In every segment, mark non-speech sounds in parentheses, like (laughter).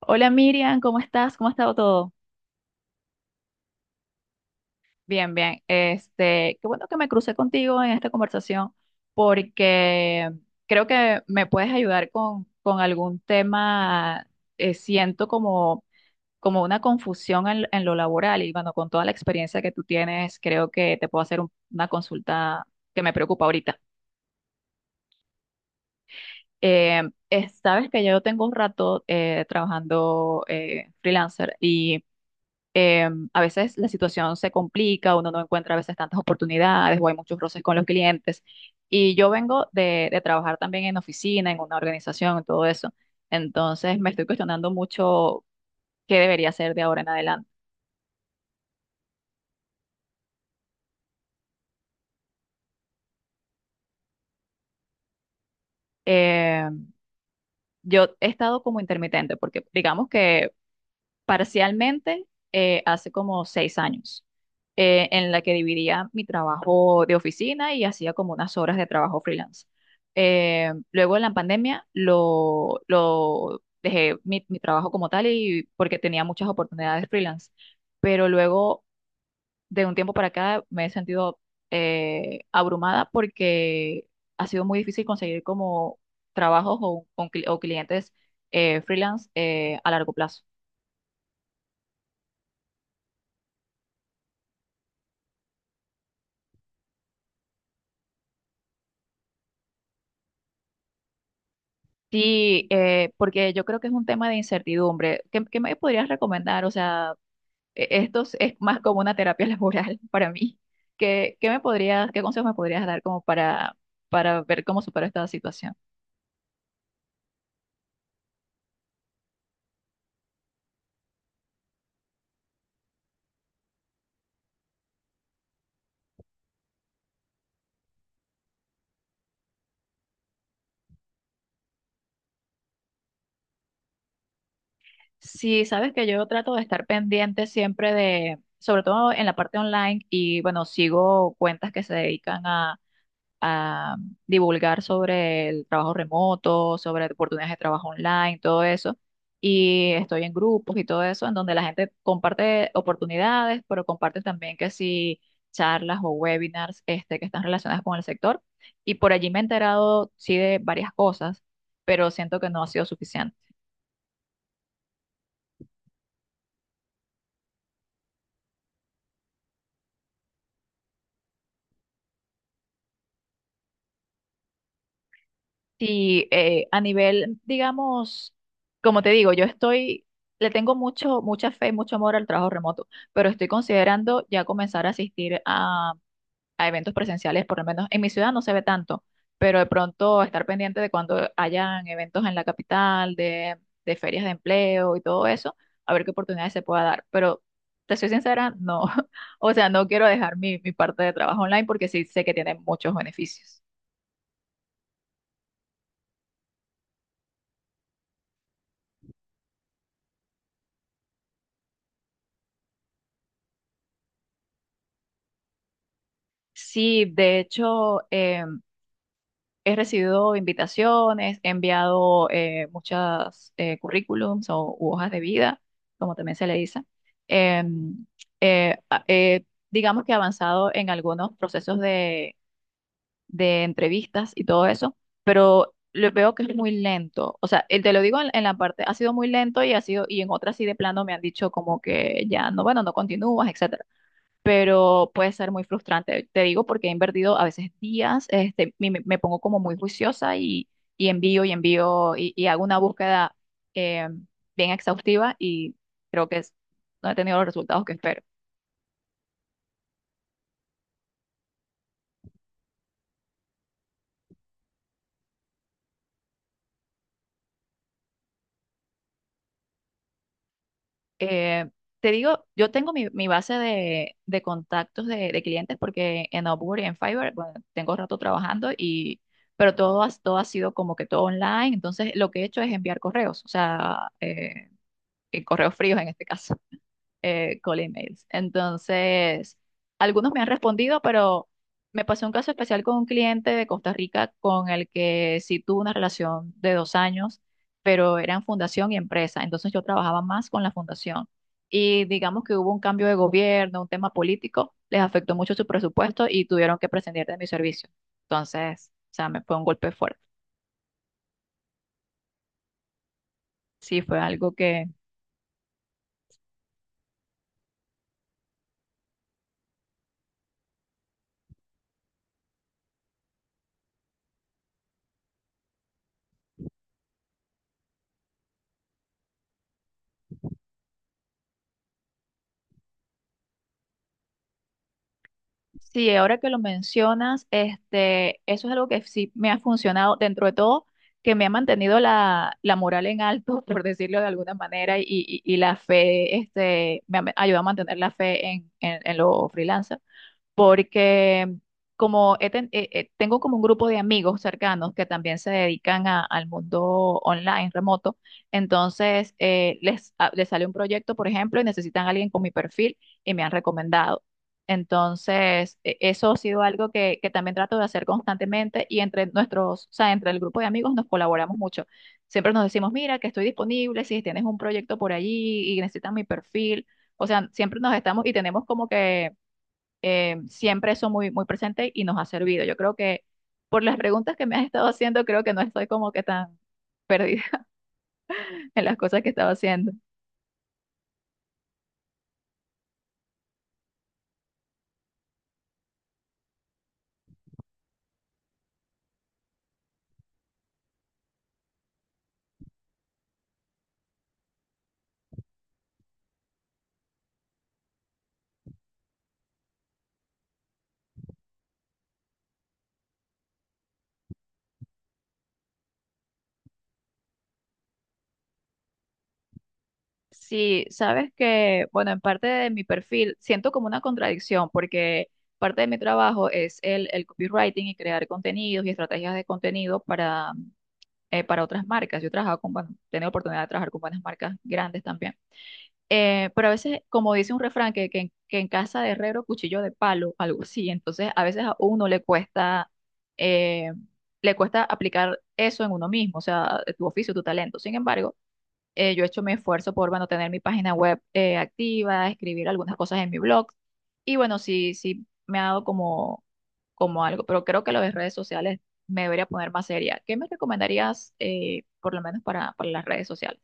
Hola Miriam, ¿cómo estás? ¿Cómo ha estado todo? Bien, bien. Qué bueno que me crucé contigo en esta conversación porque creo que me puedes ayudar con algún tema. Siento como una confusión en lo laboral y bueno, con toda la experiencia que tú tienes, creo que te puedo hacer una consulta que me preocupa ahorita. Eh, sabes que yo tengo un rato trabajando freelancer. A veces la situación se complica, uno no encuentra a veces tantas oportunidades o hay muchos roces con los clientes. Y yo vengo de trabajar también en oficina, en una organización, en todo eso. Entonces me estoy cuestionando mucho qué debería hacer de ahora en adelante. Eh, yo he estado como intermitente porque digamos que parcialmente hace como 6 años, en la que dividía mi trabajo de oficina y hacía como unas horas de trabajo freelance. Luego en la pandemia lo dejé mi trabajo como tal y porque tenía muchas oportunidades freelance, pero luego de un tiempo para acá me he sentido abrumada porque ha sido muy difícil conseguir como trabajos o clientes freelance a largo plazo. Sí, porque yo creo que es un tema de incertidumbre. ¿Qué, qué me podrías recomendar? O sea, esto es más como una terapia (laughs) laboral para mí. ¿Qué, qué me podrías, qué consejos me podrías dar como para ver cómo supero esta situación? Sí, sabes que yo trato de estar pendiente siempre de, sobre todo en la parte online y bueno, sigo cuentas que se dedican a divulgar sobre el trabajo remoto, sobre oportunidades de trabajo online, todo eso. Y estoy en grupos y todo eso, en donde la gente comparte oportunidades, pero comparte también que si charlas o webinars este, que están relacionadas con el sector. Y por allí me he enterado, sí, de varias cosas, pero siento que no ha sido suficiente. Sí, a nivel, digamos, como te digo, le tengo mucha fe, mucho amor al trabajo remoto, pero estoy considerando ya comenzar a asistir a eventos presenciales, por lo menos en mi ciudad no se ve tanto, pero de pronto estar pendiente de cuando hayan eventos en la capital, de ferias de empleo y todo eso, a ver qué oportunidades se pueda dar. Pero te soy sincera, no, (laughs) o sea, no quiero dejar mi parte de trabajo online porque sí sé que tiene muchos beneficios. Sí, de hecho, he recibido invitaciones, he enviado muchas currículums o u hojas de vida, como también se le dice. Em, eh, a- eh, digamos que he avanzado en algunos procesos de entrevistas y todo eso, pero lo veo que es muy lento. O sea, te lo digo en la parte, ha sido muy lento y ha sido, y en otras sí de plano me han dicho como que ya no, bueno, no continúas, etc, pero puede ser muy frustrante. Te digo porque he invertido a veces días, este, me pongo como muy juiciosa y envío y envío y hago una búsqueda eh, bien exhaustiva y creo que es- no he tenido los resultados que espero. Eh, Te digo, yo tengo mi base de contactos de clientes porque en Upwork y en Fiverr, bueno, tengo rato trabajando y... Pero todo ha sido como que todo online, entonces lo que he hecho es enviar correos, o sea, correos fríos en este caso. Cold emails. Entonces, algunos me han respondido, pero me pasó un caso especial con un cliente de Costa Rica con el que sí tuve una relación de 2 años, pero eran fundación y empresa. Entonces yo trabajaba más con la fundación. Y digamos que hubo un cambio de gobierno, un tema político, les afectó mucho su presupuesto y tuvieron que prescindir de mi servicio. Entonces, o sea, me fue un golpe fuerte. Sí, fue algo que sí, ahora que lo mencionas, este, eso es algo que sí me ha funcionado dentro de todo, que me ha mantenido la moral en alto, (laughs) por decirlo de alguna manera, y la fe, este, me ha ayudado a mantener la fe en los freelancers porque tengo como un grupo de amigos cercanos que también se dedican al mundo online, remoto, entonces les sale un proyecto, por ejemplo, y necesitan a alguien con mi perfil y me han recomendado. Entonces, eso ha sido algo que también trato de hacer constantemente y entre nuestros, o sea, entre el grupo de amigos nos colaboramos mucho. Siempre nos decimos, mira, que estoy disponible, si tienes un proyecto por allí y necesitan mi perfil. O sea, siempre nos estamos y tenemos como que siempre eso muy, muy presente y nos ha servido. Yo creo que por las preguntas que me has estado haciendo, creo que no estoy como que tan perdida (laughs) en las cosas que estaba haciendo. Sí, sabes que, bueno, en parte de mi perfil siento como una contradicción porque parte de mi trabajo es el copywriting y crear contenidos y estrategias de contenido para otras marcas. Yo he trabajado con, bueno, he tenido oportunidad de trabajar con buenas marcas grandes también. Pero a veces, como dice un refrán, que en casa de herrero, cuchillo de palo, algo así. Entonces, a veces a uno eh, le cuesta aplicar eso en uno mismo, o sea, tu oficio, tu talento. Sin embargo, yo he hecho mi esfuerzo por, bueno, tener mi página web activa, escribir algunas cosas en mi blog. Y bueno, sí, sí, me ha dado como, como algo, pero creo que lo de redes sociales me debería poner más seria. ¿Qué me recomendarías, por lo menos para las redes sociales?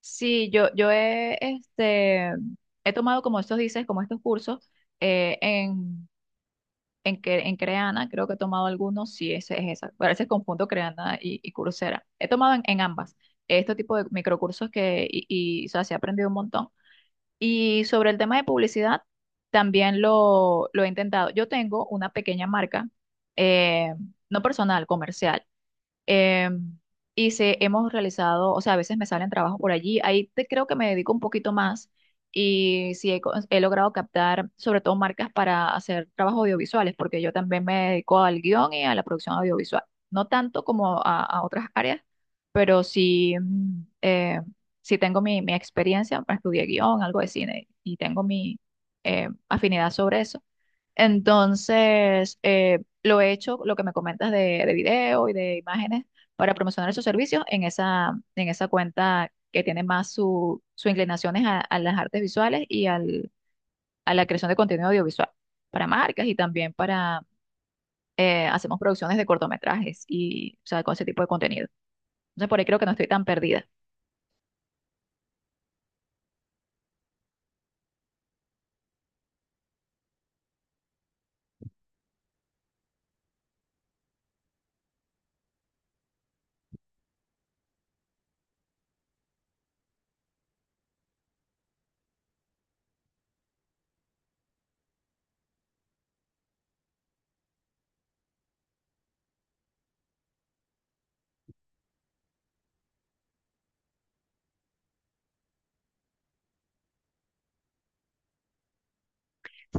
Sí, yo he, este, he tomado como estos dices, como estos cursos eh, en, en Creana, creo que he tomado algunos, sí, ese es esa, a veces confundo Creana y Coursera. He tomado en ambas este tipo de microcursos o sea, sí he aprendido un montón. Y sobre el tema de publicidad, también lo he intentado. Yo tengo una pequeña marca, eh, no personal, comercial. Em, y se, hemos realizado, o sea, a veces me salen trabajos por allí, creo que me dedico un poquito más y sí he logrado captar sobre todo marcas para hacer trabajos audiovisuales, porque yo también me dedico al guión y a la producción audiovisual, no tanto como a otras áreas, pero sí, sí tengo mi experiencia, estudié guión, algo de cine y tengo mi afinidad sobre eso. Entonces, lo he hecho, lo que me comentas de video y de imágenes para promocionar esos servicios en esa cuenta que tiene más su inclinaciones a las artes visuales y al, a la creación de contenido audiovisual para marcas y también para, hacemos producciones de cortometrajes y, o sea, con ese tipo de contenido. Entonces, por ahí creo que no estoy tan perdida.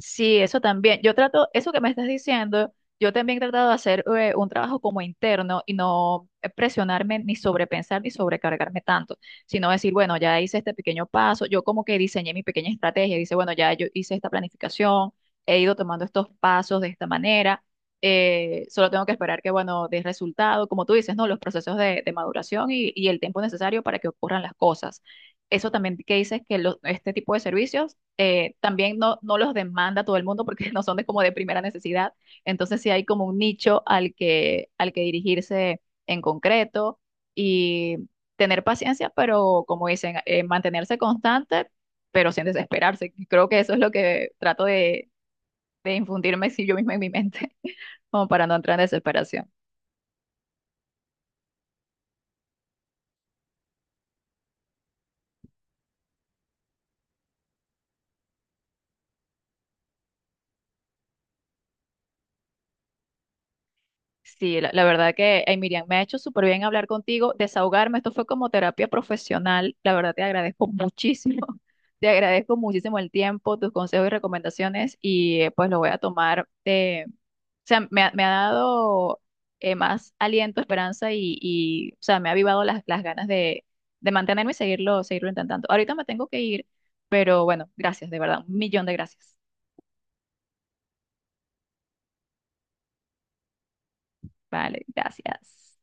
Sí, eso también. Yo trato, eso que me estás diciendo, yo también he tratado de hacer un trabajo como interno y no presionarme ni sobrepensar ni sobrecargarme tanto, sino decir, bueno, ya hice este pequeño paso, yo como que diseñé mi pequeña estrategia, dice, bueno, ya yo hice esta planificación, he ido tomando estos pasos de esta manera, solo tengo que esperar que, bueno, dé resultado, como tú dices, ¿no? Los procesos de maduración y el tiempo necesario para que ocurran las cosas. Eso también que dices que lo- este tipo de servicios también no, no los demanda todo el mundo porque (laughs) no son de, como de primera necesidad. Entonces sí hay como un nicho al que dirigirse en concreto y tener paciencia, pero como dicen, mantenerse constante, pero sin desesperarse. Creo que eso es lo que trato de infundirme si yo misma en mi mente, (laughs) como para no entrar en desesperación. Sí, la verdad que, ay, Miriam, me ha hecho súper bien hablar contigo, desahogarme. Esto fue como terapia profesional. La verdad te agradezco muchísimo. (laughs) Te agradezco muchísimo el tiempo, tus consejos y recomendaciones y pues lo voy a tomar. Me ha, me ha dado más aliento, esperanza o sea, me ha avivado las ganas de mantenerme y seguirlo, seguirlo intentando. Ahorita me tengo que ir, pero bueno, gracias, de verdad. Un millón de gracias. Vale, gracias.